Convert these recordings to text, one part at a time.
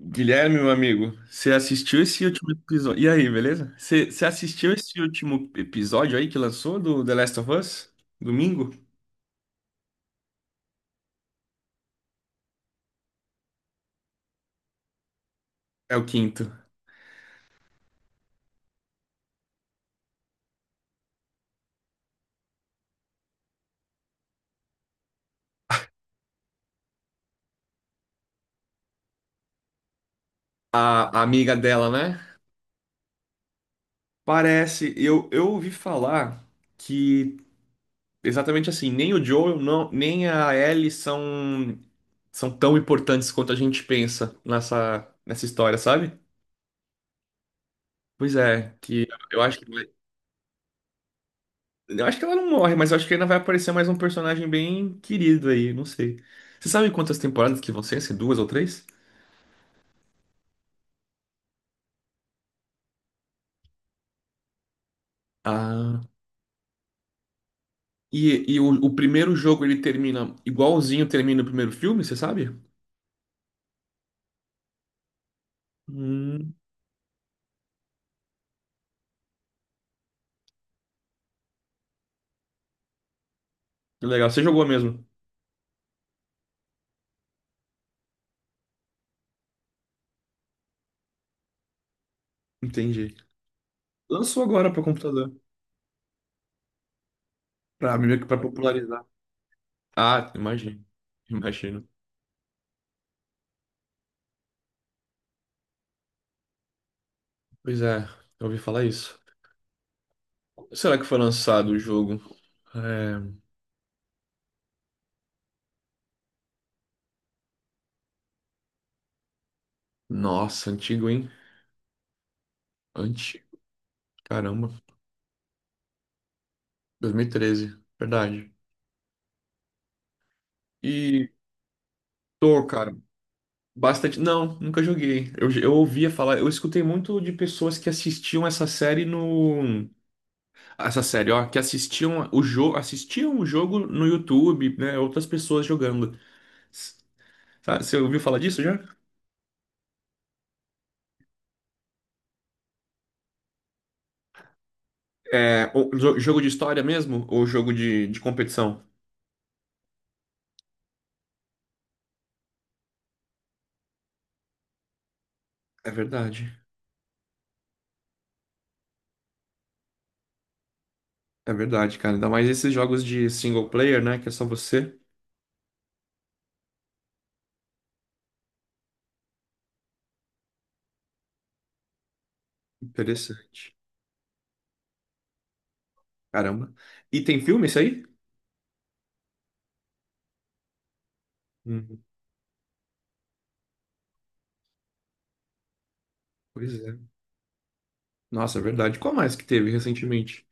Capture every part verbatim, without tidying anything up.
Guilherme, meu amigo, você assistiu esse último episódio? E aí, beleza? Você você assistiu esse último episódio aí que lançou do The Last of Us? Domingo? É o quinto. A, a amiga dela, né? Parece, eu, eu ouvi falar que exatamente assim, nem o Joel, não, nem a Ellie são, são tão importantes quanto a gente pensa nessa, nessa história, sabe? Pois é, que eu acho que. Eu acho que ela não morre, mas eu acho que ainda vai aparecer mais um personagem bem querido aí, não sei. Você sabe quantas temporadas que vão ser? Se duas ou três? Ah. E, e o, o primeiro jogo ele termina igualzinho termina o primeiro filme, você sabe? Hum, que legal. Você jogou mesmo? Entendi. Lançou agora para computador, para meio que para popularizar. Ah, imagino. Imagino. Pois é, eu ouvi falar isso. Será que foi lançado o jogo? É. Nossa, antigo, hein? Antigo. Caramba, dois mil e treze. Verdade. E tô, cara, bastante. Não, nunca joguei. Eu, eu ouvia falar, eu escutei muito de pessoas que assistiam essa série no. Essa série, ó, que assistiam o jogo, assistiam o jogo no YouTube, né? Outras pessoas jogando. S- Sabe, você ouviu falar disso já? É, o jo- jogo de história mesmo? Ou jogo de, de competição? É verdade. É verdade, cara. Ainda mais esses jogos de single player, né? Que é só você. Interessante. Caramba. E tem filme isso aí? Hum, pois é. Nossa, é verdade. Qual mais que teve recentemente?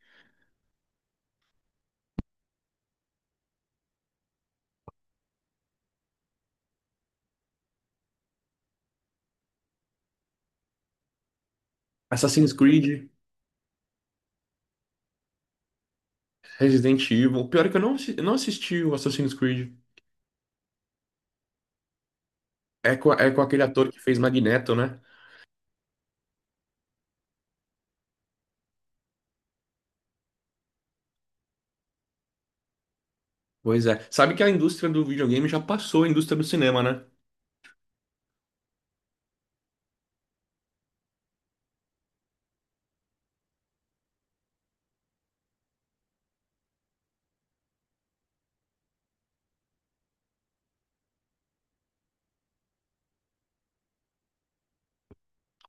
Assassin's Creed, Resident Evil. Pior é que eu não, assi- eu não assisti o Assassin's Creed. É com, é com aquele ator que fez Magneto, né? Pois é. Sabe que a indústria do videogame já passou a indústria do cinema, né?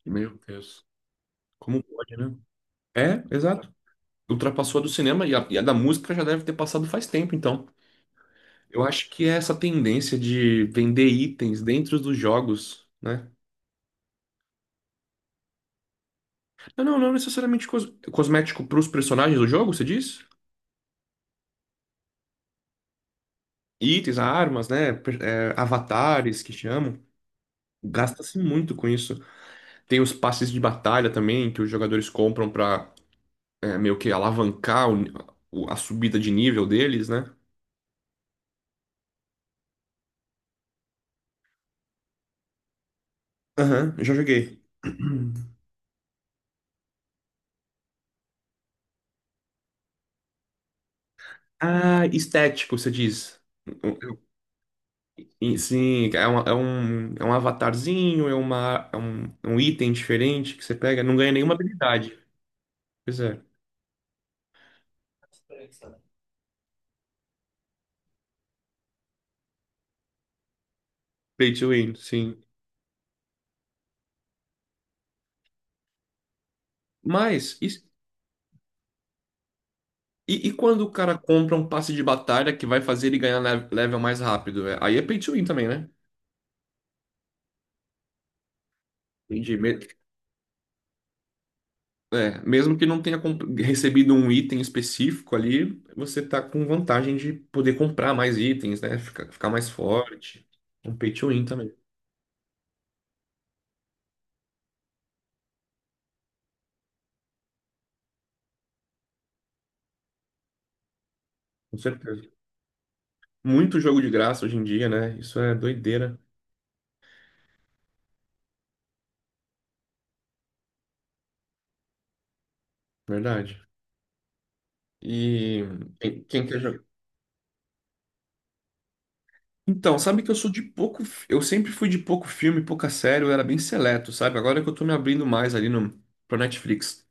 Meu Deus. Como pode, né? É, exato. Ultrapassou a do cinema e a, e a da música já deve ter passado faz tempo, então. Eu acho que é essa tendência de vender itens dentro dos jogos, né? Não, não, não necessariamente cos- cosmético para os personagens do jogo, você diz? Itens, armas, né? per- é, avatares que chamam. Gasta-se muito com isso. Tem os passes de batalha também que os jogadores compram pra é, meio que alavancar o- o- a subida de nível deles, né? Aham, já joguei. Ah, estético, você diz. E sim, é, um é um, é um avatarzinho, é, uma, é um, um item diferente que você pega, não ganha nenhuma habilidade. Pois é, pay to win, sim. Mas, e E, e quando o cara compra um passe de batalha que vai fazer ele ganhar le- level mais rápido? É, aí é pay to win também, né? Entendi. Me- é, mesmo que não tenha comp- recebido um item específico ali, você tá com vantagem de poder comprar mais itens, né? Ficar, ficar mais forte. Um pay to win também, com certeza. Muito jogo de graça hoje em dia, né? Isso é doideira, verdade. E quem, quem quer Então, sabe que eu sou de pouco. Eu sempre fui de pouco filme, pouca série, eu era bem seleto, sabe? Agora que eu tô me abrindo mais ali no, pro Netflix.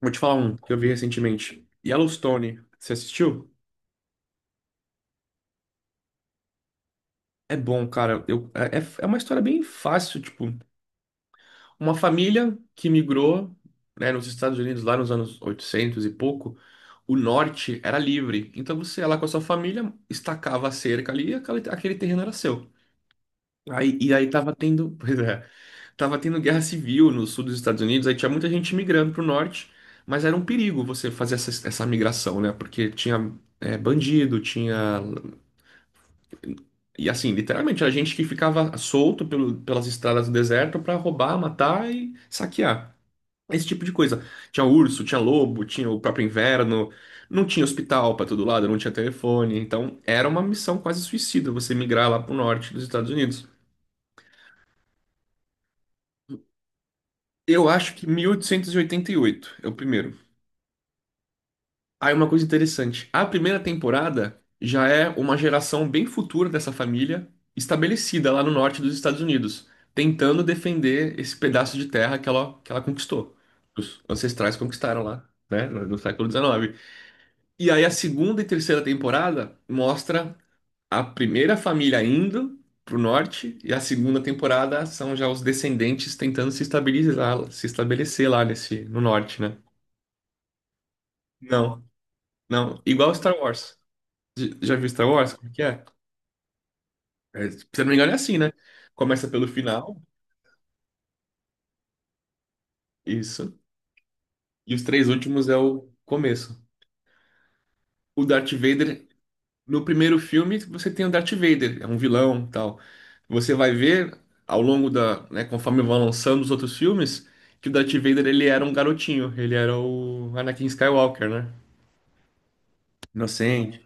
Vou te falar um que eu vi recentemente: Yellowstone. Você assistiu? É bom, cara. Eu, é, é é uma história bem fácil, tipo, uma família que migrou, né, nos Estados Unidos lá nos anos oitocentos e pouco, o norte era livre. Então você ia lá com a sua família, estacava a cerca ali e aquele, aquele terreno era seu. Aí, e aí tava tendo. Tava tendo guerra civil no sul dos Estados Unidos, aí tinha muita gente migrando pro norte, mas era um perigo você fazer essa, essa migração, né? Porque tinha é, bandido, tinha. E assim, literalmente, a gente que ficava solto pelo- pelas estradas do deserto pra roubar, matar e saquear. Esse tipo de coisa. Tinha urso, tinha lobo, tinha o próprio inverno, não tinha hospital pra todo lado, não tinha telefone. Então, era uma missão quase suicida você migrar lá pro norte dos Estados Unidos. Eu acho que mil oitocentos e e oitenta e oito é o primeiro. Aí uma coisa interessante, a primeira temporada já é uma geração bem futura dessa família, estabelecida lá no norte dos Estados Unidos, tentando defender esse pedaço de terra que ela, que ela conquistou. Os ancestrais conquistaram lá, né, no no século dezenove. E aí a segunda e terceira temporada mostra a primeira família indo pro norte e a segunda temporada são já os descendentes tentando se estabilizar, se estabelecer lá nesse no norte, né? Não, não, igual Star Wars. J- Já viu Star Wars? Como é que é? É, se eu não me engano, é assim, né? Começa pelo final, isso. E os três últimos é o começo. O Darth Vader, no primeiro filme, você tem o Darth Vader, é um vilão, tal. Você vai ver ao longo da, né, conforme vão lançando os outros filmes, que o Darth Vader ele era um garotinho, ele era o Anakin Skywalker, né? Inocente.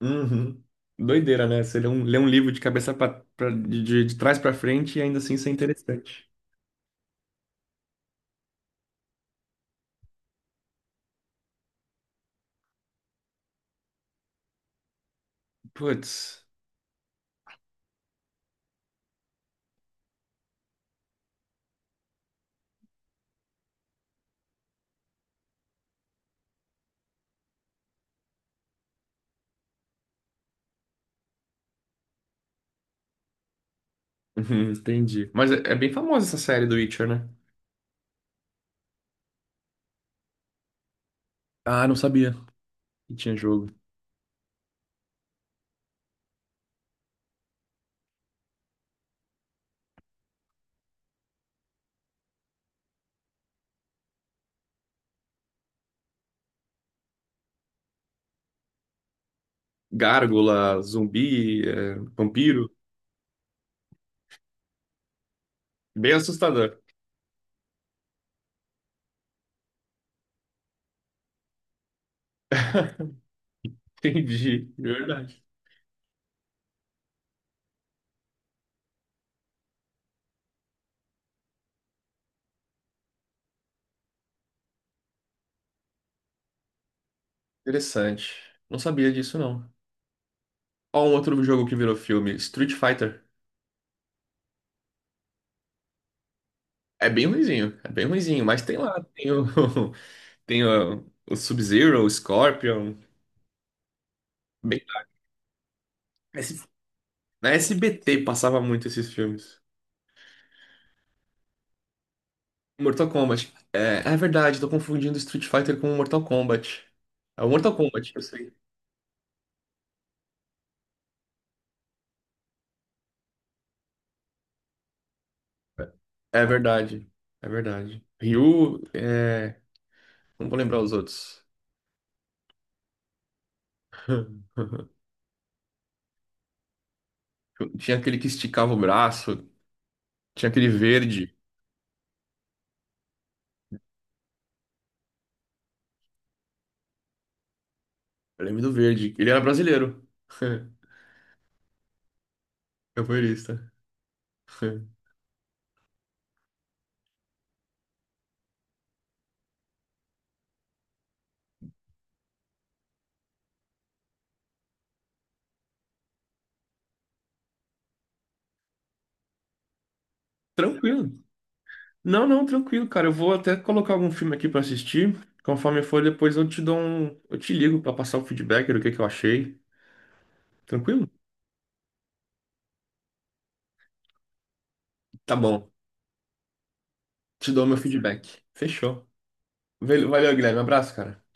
Uhum. Doideira, né? Você lê um, lê um livro de cabeça pra, pra- de, de de trás pra frente e ainda assim isso é interessante. Putz. Uhum, entendi. Mas é é bem famosa essa série do Witcher, né? Ah, não sabia que tinha jogo. Gárgula, zumbi, é, vampiro. Bem assustador. Entendi. De verdade. Interessante. Não sabia disso, não. Ó, um outro jogo que virou filme, Street Fighter. É bem ruinzinho, é bem ruinzinho, mas tem lá, tem o, tem o, o Sub-Zero, o Scorpion. Bem, na S- na S B T passava muito esses filmes. Mortal Kombat. É, é verdade, tô confundindo Street Fighter com Mortal Kombat. É o Mortal Kombat, eu sei. É verdade, é verdade. Ryu, é... não vou lembrar os outros. Tinha aquele que esticava o braço, tinha aquele verde. Eu lembro do verde. Ele era brasileiro. Capoeirista. Tranquilo. Não, não, tranquilo, cara. Eu vou até colocar algum filme aqui pra assistir. Conforme for, depois eu te dou um. Eu te ligo pra passar o feedback do que que eu achei. Tranquilo? Tá bom. Te dou meu feedback. Fechou. Valeu, Guilherme. Um abraço, cara.